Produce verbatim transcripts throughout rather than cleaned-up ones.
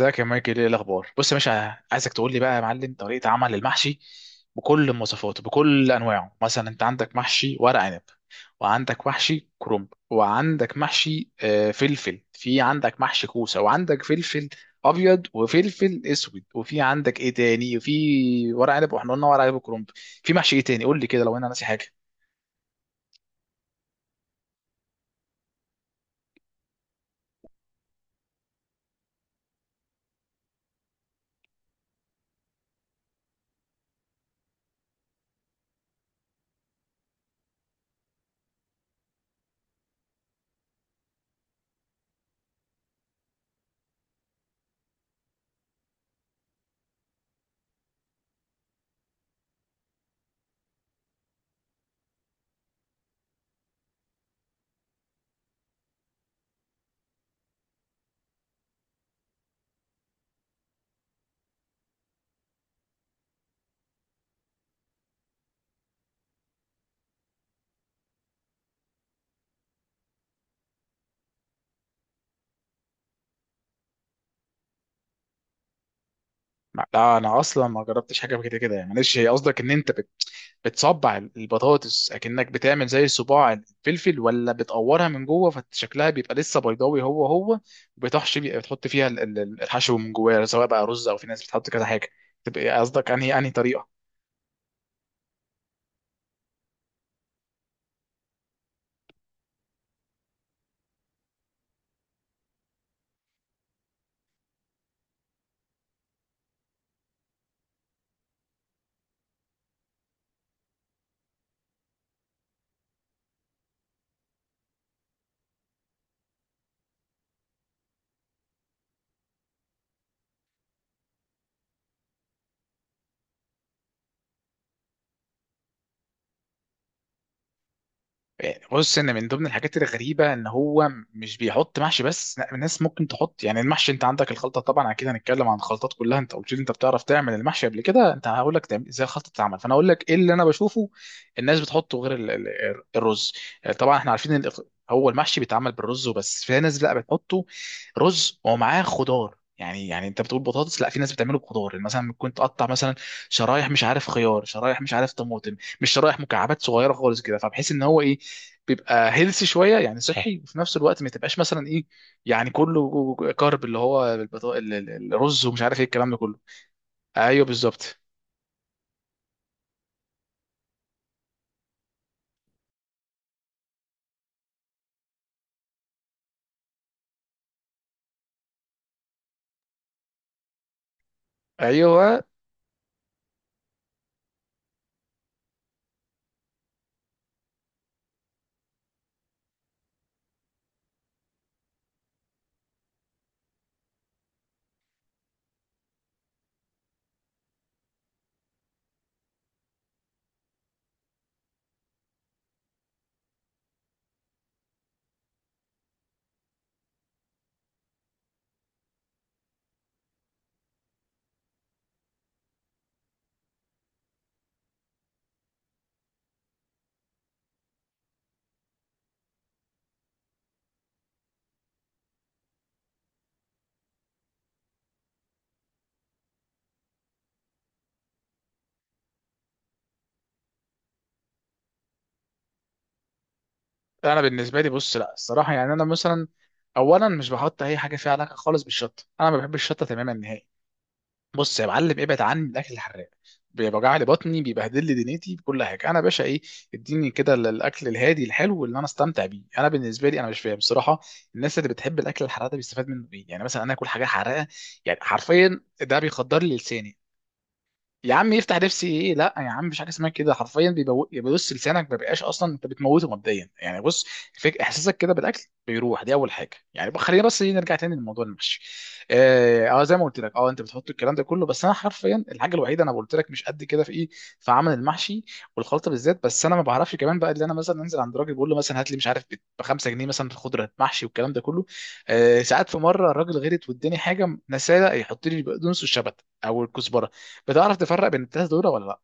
ازيك يا مايكل؟ ايه الاخبار؟ بص يا باشا، عايزك تقول لي بقى يا معلم طريقه عمل المحشي بكل مواصفاته، بكل انواعه. مثلا انت عندك محشي ورق عنب، وعندك محشي كرنب، وعندك محشي آه، فلفل، في عندك محشي كوسه، وعندك فلفل ابيض وفلفل اسود، وفي عندك ايه تاني؟ وفي ورق عنب، واحنا قلنا ورق عنب وكرنب. في محشي ايه تاني؟ قول لي كده لو انا ناسي حاجه. ما- لا انا اصلا ما جربتش حاجه كده كده يعني. معلش، هي قصدك ان انت بت... بتصبع البطاطس اكنك بتعمل زي صباع الفلفل، ولا بتقورها من جوه فشكلها بيبقى لسه بيضاوي هو هو؟ وبتحشي بي- بتحط فيها ال- ال- الحشو من جواها، سواء بقى رز او في ناس بتحط كذا حاجه. تبقى قصدك انهي انهي طريقه؟ بص، ان من ضمن الحاجات الغريبه ان هو مش بيحط محشي بس، لا، الناس ممكن تحط يعني المحشي. انت عندك الخلطه طبعا، اكيد هنتكلم عن الخلطات كلها. انت قلت لي انت بتعرف تعمل المحشي قبل كده، انت هقول لك تعمل ازاي الخلطه بتتعمل، فانا اقول لك ايه اللي انا بشوفه. الناس بتحطه غير ال- ال- ال- الرز. آه، طبعا احنا عارفين ان هو المحشي بيتعمل بالرز وبس. في ناس لا بتحطه رز ومعاه خضار يعني يعني انت بتقول بطاطس، لا، في ناس بتعمله بخضار. يعني مثلا ممكن تقطع مثلا شرايح، مش عارف، خيار شرايح، مش عارف، طماطم. مش شرايح، مكعبات صغيره خالص كده، فبحيث ان هو ايه، بيبقى هيلثي شويه يعني صحي. وفي نفس الوقت ما تبقاش مثلا ايه، يعني كله كارب اللي هو البطا... ال- ال- الرز، ومش عارف ايه الكلام ده كله. ايوه بالظبط. ايوه انا بالنسبه لي بص، لا، الصراحه يعني انا مثلا اولا مش بحط اي حاجه فيها علاقه خالص بالشطه. انا ما بحبش الشطه تماما نهائي. بص يا معلم، ابعد عني من الاكل الحراق. بيوجع لي بطني، بيبهدل لي دنيتي بكل حاجه. انا يا باشا ايه، اديني كده ال- الاكل الهادي الحلو اللي انا استمتع بيه. انا بالنسبه لي انا مش فاهم بصراحه الناس اللي بتحب الاكل الحراق ده بيستفاد منه ايه. يعني مثلا انا اكل حاجه حراقه، يعني حرفيا ده بيخدر لي لساني. يا عم يفتح نفسي ايه، لا يا عم مش حاجه اسمها كده. حرفيا بيبو... بص، لسانك ما بيبقاش اصلا، انت بتموته مبدئيا. يعني بص، فيك احساسك كده بالاكل بيروح، دي اول حاجه. يعني بقى خلينا بس إيه نرجع تاني لموضوع المحشي. اه آه، زي ما قلت لك، اه، انت بتحط الكلام ده كله. بس انا حرفيا الحاجه الوحيده انا قلت لك، مش قد كده في ايه في عمل المحشي والخلطه بالذات. بس انا ما بعرفش كمان بقى. اللي انا مثلا انزل عند راجل، بقول له مثلا هات لي، مش عارف، ب خمسة جنيه مثلا خضره محشي والكلام ده كله. آه، ساعات في مره الراجل غيرت واداني حاجه، نساله يحط لي البقدونس والشبت او الكزبره. بتعرف تفرق بين التلاتة دول ولا لا؟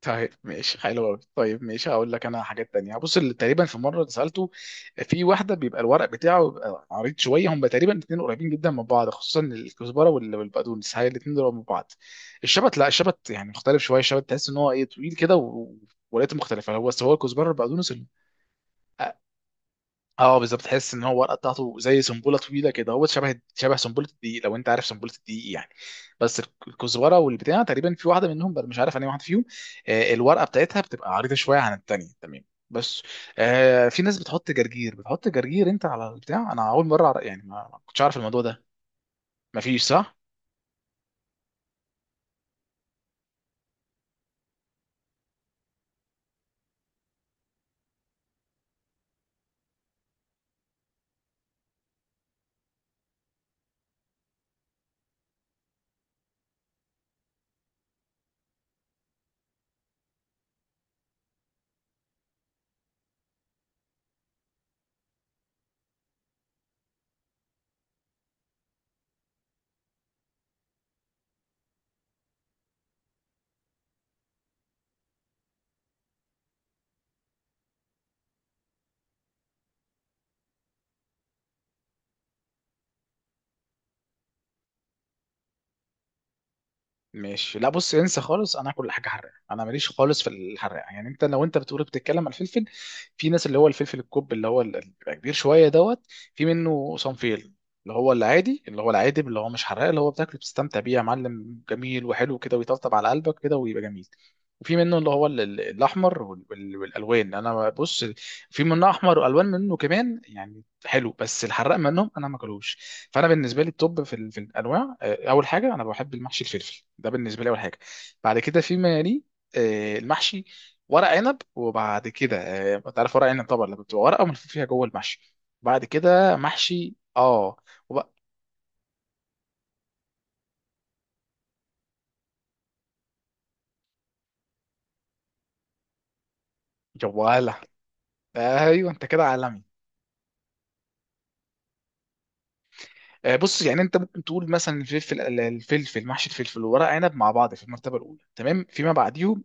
طيب ماشي، حلو قوي. طيب ماشي، هقول لك انا حاجات تانية. بص، اللي تقريبا في مرة سألته، في واحدة بيبقى الورق بتاعه بيبقى عريض شوية. هم تقريبا الاتنين قريبين جدا من بعض، خصوصا الكزبرة وال- والبقدونس، هاي الاتنين دول من بعض. الشبت لا، الشبت يعني مختلف شوية. الشبت تحس ان هو ايه، طويل كده و- ولاته مختلفة. هو بس هو الكزبرة والبقدونس. اه بالظبط، تحس ان هو الورقه بتاعته زي سنبوله طويله كده، هو شبه شبه سنبوله الدقيق، لو انت عارف سنبوله الدقيق يعني. بس الك- الكزبره والبتاع تقريبا في واحده منهم، بل مش عارف انا واحده فيهم، آه، الورقه بتاعتها بتبقى عريضه شويه عن التانيه تمام. بس آه، في ناس بتحط جرجير. بتحط جرجير انت على البتاع؟ انا اول مره أعرف- يعني ما ما كنتش عارف الموضوع ده. مفيش صح. ماشي. لا بص، انسى خالص، انا اكل حاجه حراقه، انا ماليش خالص في الحراقه. يعني انت لو انت بتقول بتتكلم على الفلفل، في ناس اللي هو الفلفل الكوب اللي هو ال- اللي بيبقى كبير شويه دوت. في منه صنفين، اللي هو العادي، اللي هو العادي اللي هو مش حراق، اللي هو بتاكله بتستمتع بيه يا معلم، جميل وحلو كده، ويطبطب على قلبك كده ويبقى جميل. وفي منه اللي هو ال- ال- الاحمر وال- وال- والالوان. انا بص، في منه احمر والوان منه كمان يعني حلو، بس الحراق منهم انا ما اكلوش. فانا بالنسبه لي التوب في, ال... في الانواع. آه، اول حاجه انا بحب المحشي الفلفل، ده بالنسبه لي اول حاجه. بعد كده فيما يليه، آه، المحشي ورق عنب. وبعد كده، آه، انت عارف ورق عنب طبعا لما بتبقى ورقه ملفوف فيها جوه المحشي. بعد كده محشي اه. وبقى جواله. ايوه، انت كده عالمي. آه، بص، يعني انت ممكن تقول مثلا الفلفل، الفلفل، محشي الفلفل وورق عنب مع بعض في المرتبه الاولى تمام. فيما بعديهم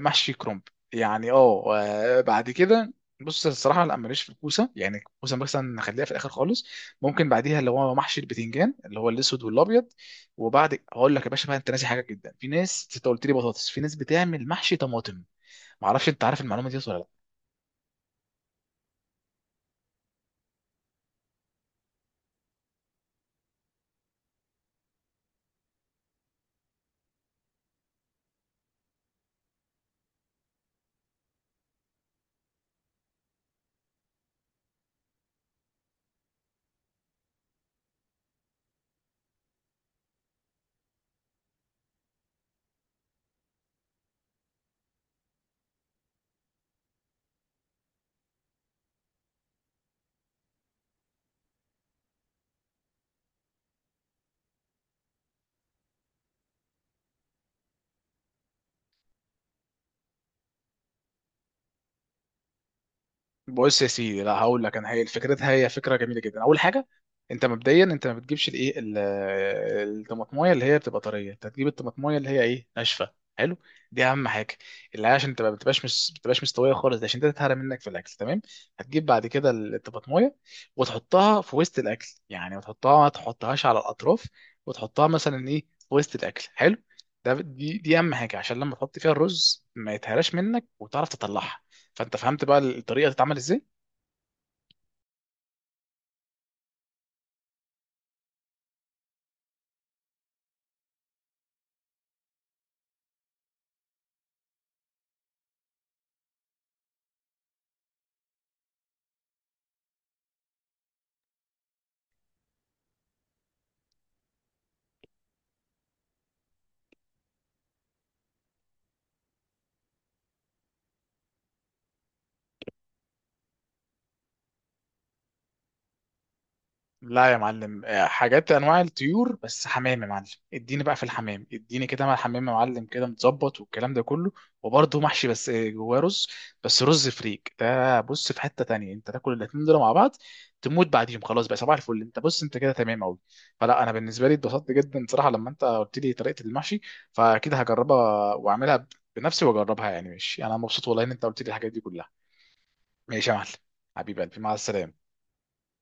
محشي كرنب يعني اه. آه، بعد كده بص، الصراحه لا ماليش في الكوسه، يعني الكوسه مثلا نخليها في الاخر خالص. ممكن بعديها اللي هو محشي البتنجان اللي هو الاسود والابيض. وبعد هقول لك يا باشا بقى، انت ناسي حاجه جدا. في ناس انت قلت لي بطاطس، في ناس بتعمل محشي طماطم. معرفش انت عارف المعلومه دي ولا لا. بص يا سيدي، لا هقول لك انا، هي فكرتها هي فكره جميله جدا. اول حاجه انت مبدئيا انت ما بتجيبش الايه ال- الطماطمايه اللي هي بتبقى طريه، انت هتجيب الطماطمايه اللي هي ايه ناشفه، حلو. دي اهم حاجه، اللي هي عشان تبقى ما تبقاش مش ما تبقاش مستويه خالص، دي عشان ده تتهرى منك في الاكل تمام. هتجيب بعد كده الطماطمايه وتحطها في وسط الاكل، يعني ما تحطها ما تحطهاش على الاطراف، وتحطها مثلا ايه في وسط الاكل، حلو. ده دي دي اهم حاجه عشان لما تحط فيها الرز ما يتهراش منك وتعرف تطلعها. فانت فهمت بقى الطريقه تتعمل ازاي. لا يا معلم، آه، حاجات انواع الطيور بس حمام يا معلم. اديني بقى في الحمام، اديني كده مع الحمام يا معلم، كده متظبط والكلام ده كله. وبرضه محشي، بس آه، جواه رز. بس رز فريك ده بص، في حته تانية. انت تاكل الاتنين دول مع بعض تموت بعديهم، خلاص بقى صباح الفل. انت بص، انت كده تمام قوي. فلا انا بالنسبه لي اتبسطت جدا صراحه لما انت قلت لي طريقه المحشي، فاكيد هجربها واعملها بنفسي واجربها يعني. ماشي، انا مبسوط والله ان انت قلت لي الحاجات دي كلها. ماشي يا معلم، حبيب قلبي، مع السلامه.